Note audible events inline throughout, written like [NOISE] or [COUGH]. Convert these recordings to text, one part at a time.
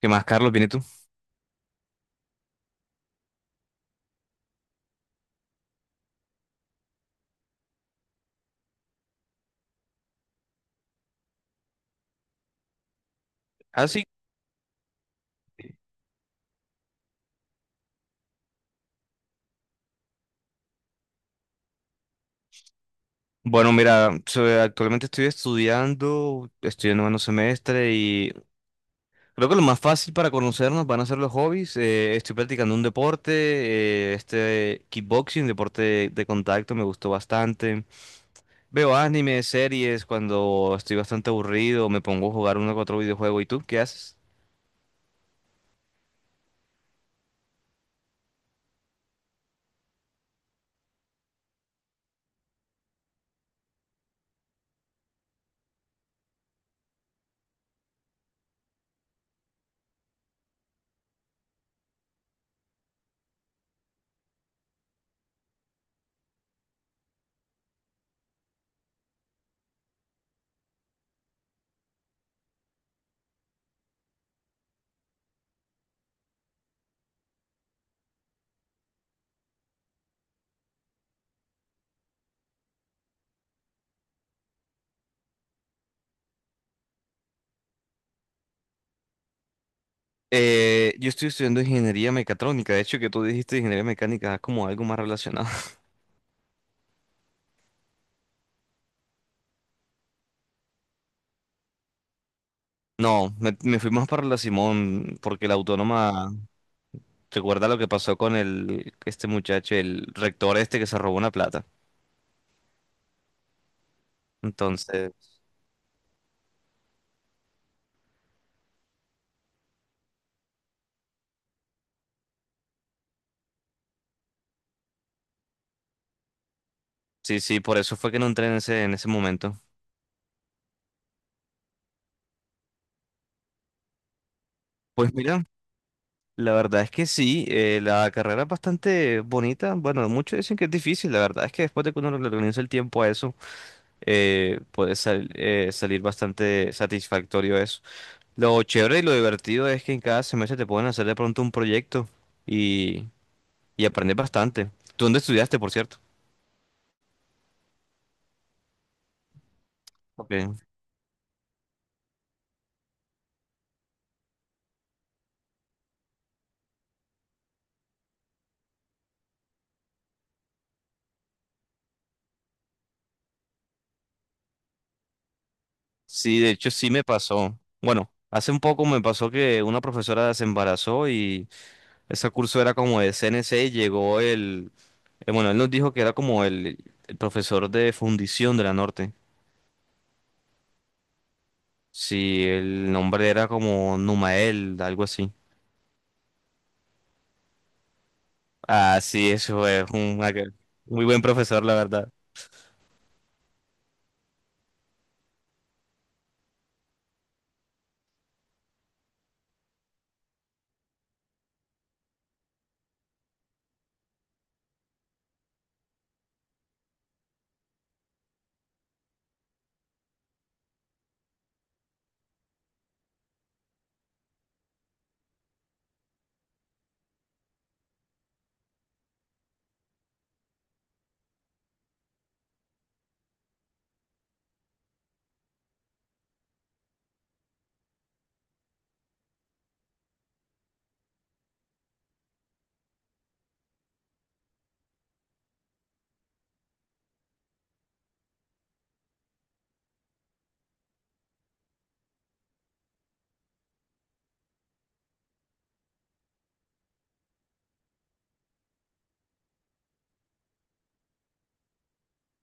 ¿Qué más, Carlos? ¿Viene tú? Ah, sí. Bueno, mira, actualmente estoy estudiando, estoy en noveno semestre y creo que lo más fácil para conocernos van a ser los hobbies. Estoy practicando un deporte, kickboxing, deporte de contacto, me gustó bastante. Veo anime, series, cuando estoy bastante aburrido, me pongo a jugar uno o otro videojuego. ¿Y tú qué haces? Yo estoy estudiando ingeniería mecatrónica, de hecho que tú dijiste ingeniería mecánica, es como algo más relacionado. No, me fui más para la Simón, porque la autónoma recuerda lo que pasó con el, este muchacho, el rector este que se robó una plata. Entonces, sí, sí, por eso fue que no entré en ese momento. Pues mira, la verdad es que sí, la carrera es bastante bonita. Bueno, muchos dicen que es difícil, la verdad es que después de que uno le organiza el tiempo a eso, salir bastante satisfactorio eso. Lo chévere y lo divertido es que en cada semestre te pueden hacer de pronto un proyecto. Y aprendes bastante. ¿Tú dónde estudiaste, por cierto? Porque sí, de hecho sí me pasó. Bueno, hace un poco me pasó que una profesora se embarazó y ese curso era como de CNC y llegó él nos dijo que era como el profesor de fundición de la Norte. Sí, el nombre era como Numael, algo así. Ah, sí, eso es un aquel- muy buen profesor, la verdad.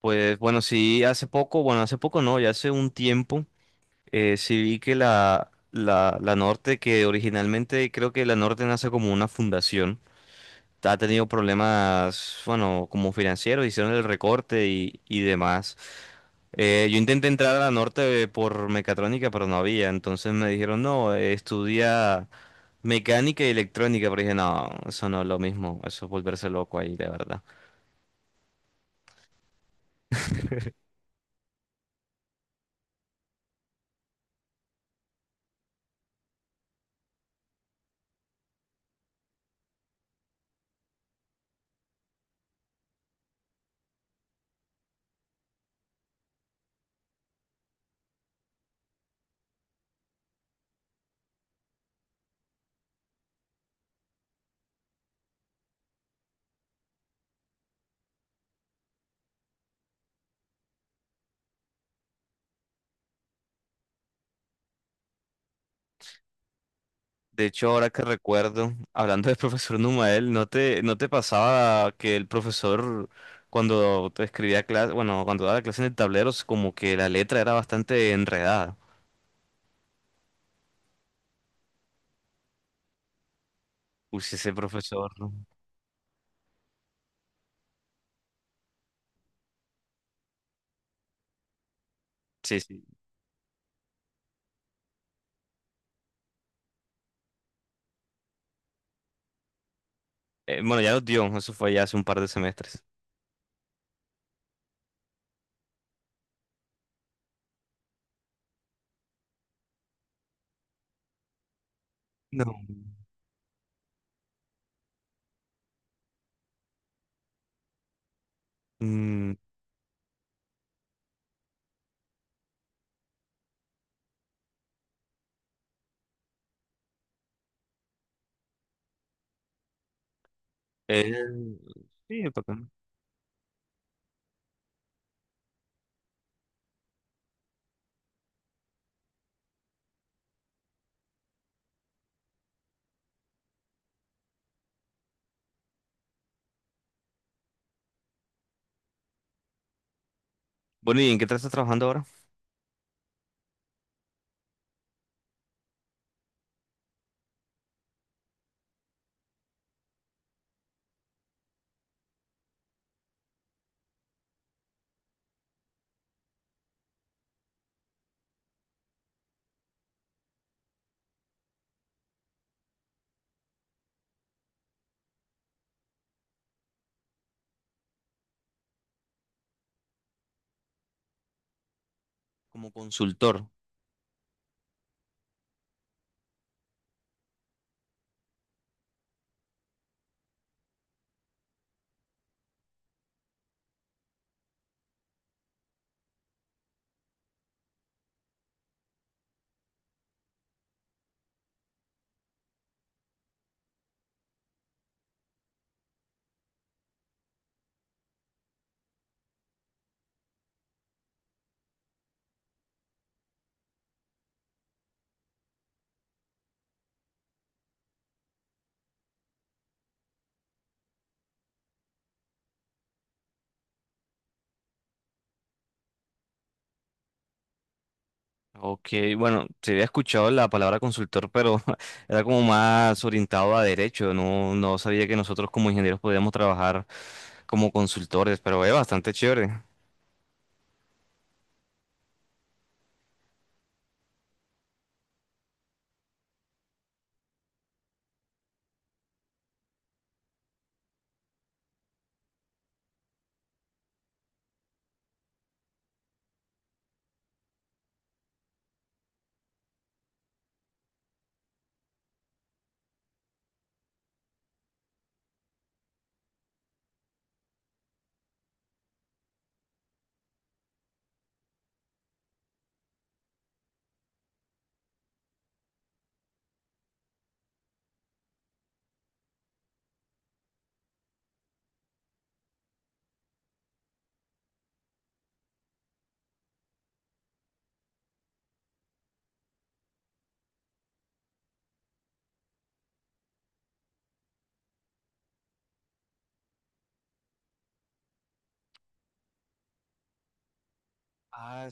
Pues bueno, sí, hace poco, bueno, hace poco no, ya hace un tiempo. Sí vi que la Norte, que originalmente creo que la Norte nace como una fundación, ha tenido problemas, bueno, como financieros, hicieron el recorte y demás. Yo intenté entrar a la Norte por mecatrónica, pero no había, entonces me dijeron, no, estudia mecánica y electrónica, pero dije, no, eso no es lo mismo, eso es volverse loco ahí, de verdad. De hecho, ahora que recuerdo, hablando del [LAUGHS] profesor Numael, ¿no te pasaba que el profesor, cuando te escribía clase, bueno, cuando daba clase en el tablero, es como que la letra era bastante enredada? Uy, sí, ese profesor. ¿No? Sí, sí. Bueno, ya lo dio, eso fue ya hace un par de semestres. No. Mm, él- Sí, es. Bueno, ¿y en qué te estás trabajando ahora? Como consultor. Ok, bueno, se había escuchado la palabra consultor, pero [LAUGHS] era como más orientado a derecho. No, no sabía que nosotros como ingenieros podíamos trabajar como consultores, pero es bastante chévere. Ah,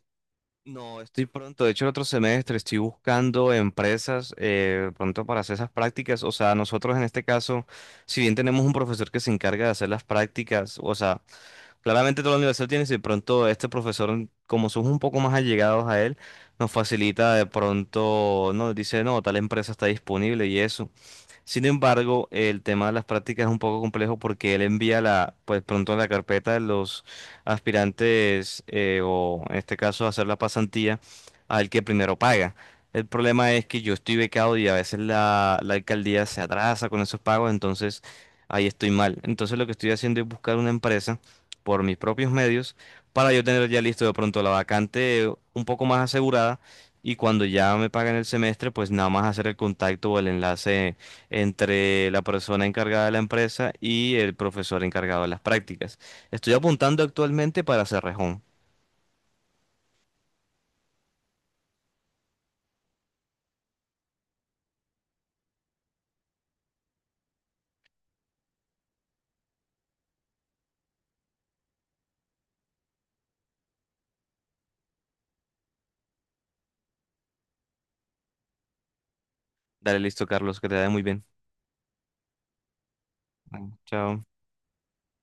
no, estoy pronto. De hecho, el otro semestre estoy buscando empresas pronto para hacer esas prácticas. O sea, nosotros en este caso, si bien tenemos un profesor que se encarga de hacer las prácticas, o sea, claramente toda la universidad tiene, si de pronto este profesor, como somos un poco más allegados a él, nos facilita de pronto, nos dice, no, tal empresa está disponible y eso. Sin embargo, el tema de las prácticas es un poco complejo porque él envía la, pues pronto la carpeta de los aspirantes o en este caso hacer la pasantía al que primero paga. El problema es que yo estoy becado y a veces la alcaldía se atrasa con esos pagos, entonces ahí estoy mal. Entonces lo que estoy haciendo es buscar una empresa por mis propios medios para yo tener ya listo de pronto la vacante un poco más asegurada y cuando ya me pagan el semestre, pues nada más hacer el contacto o el enlace entre la persona encargada de la empresa y el profesor encargado de las prácticas. Estoy apuntando actualmente para Cerrejón. Dale, listo, Carlos, que te vaya muy bien. Bueno, Chao.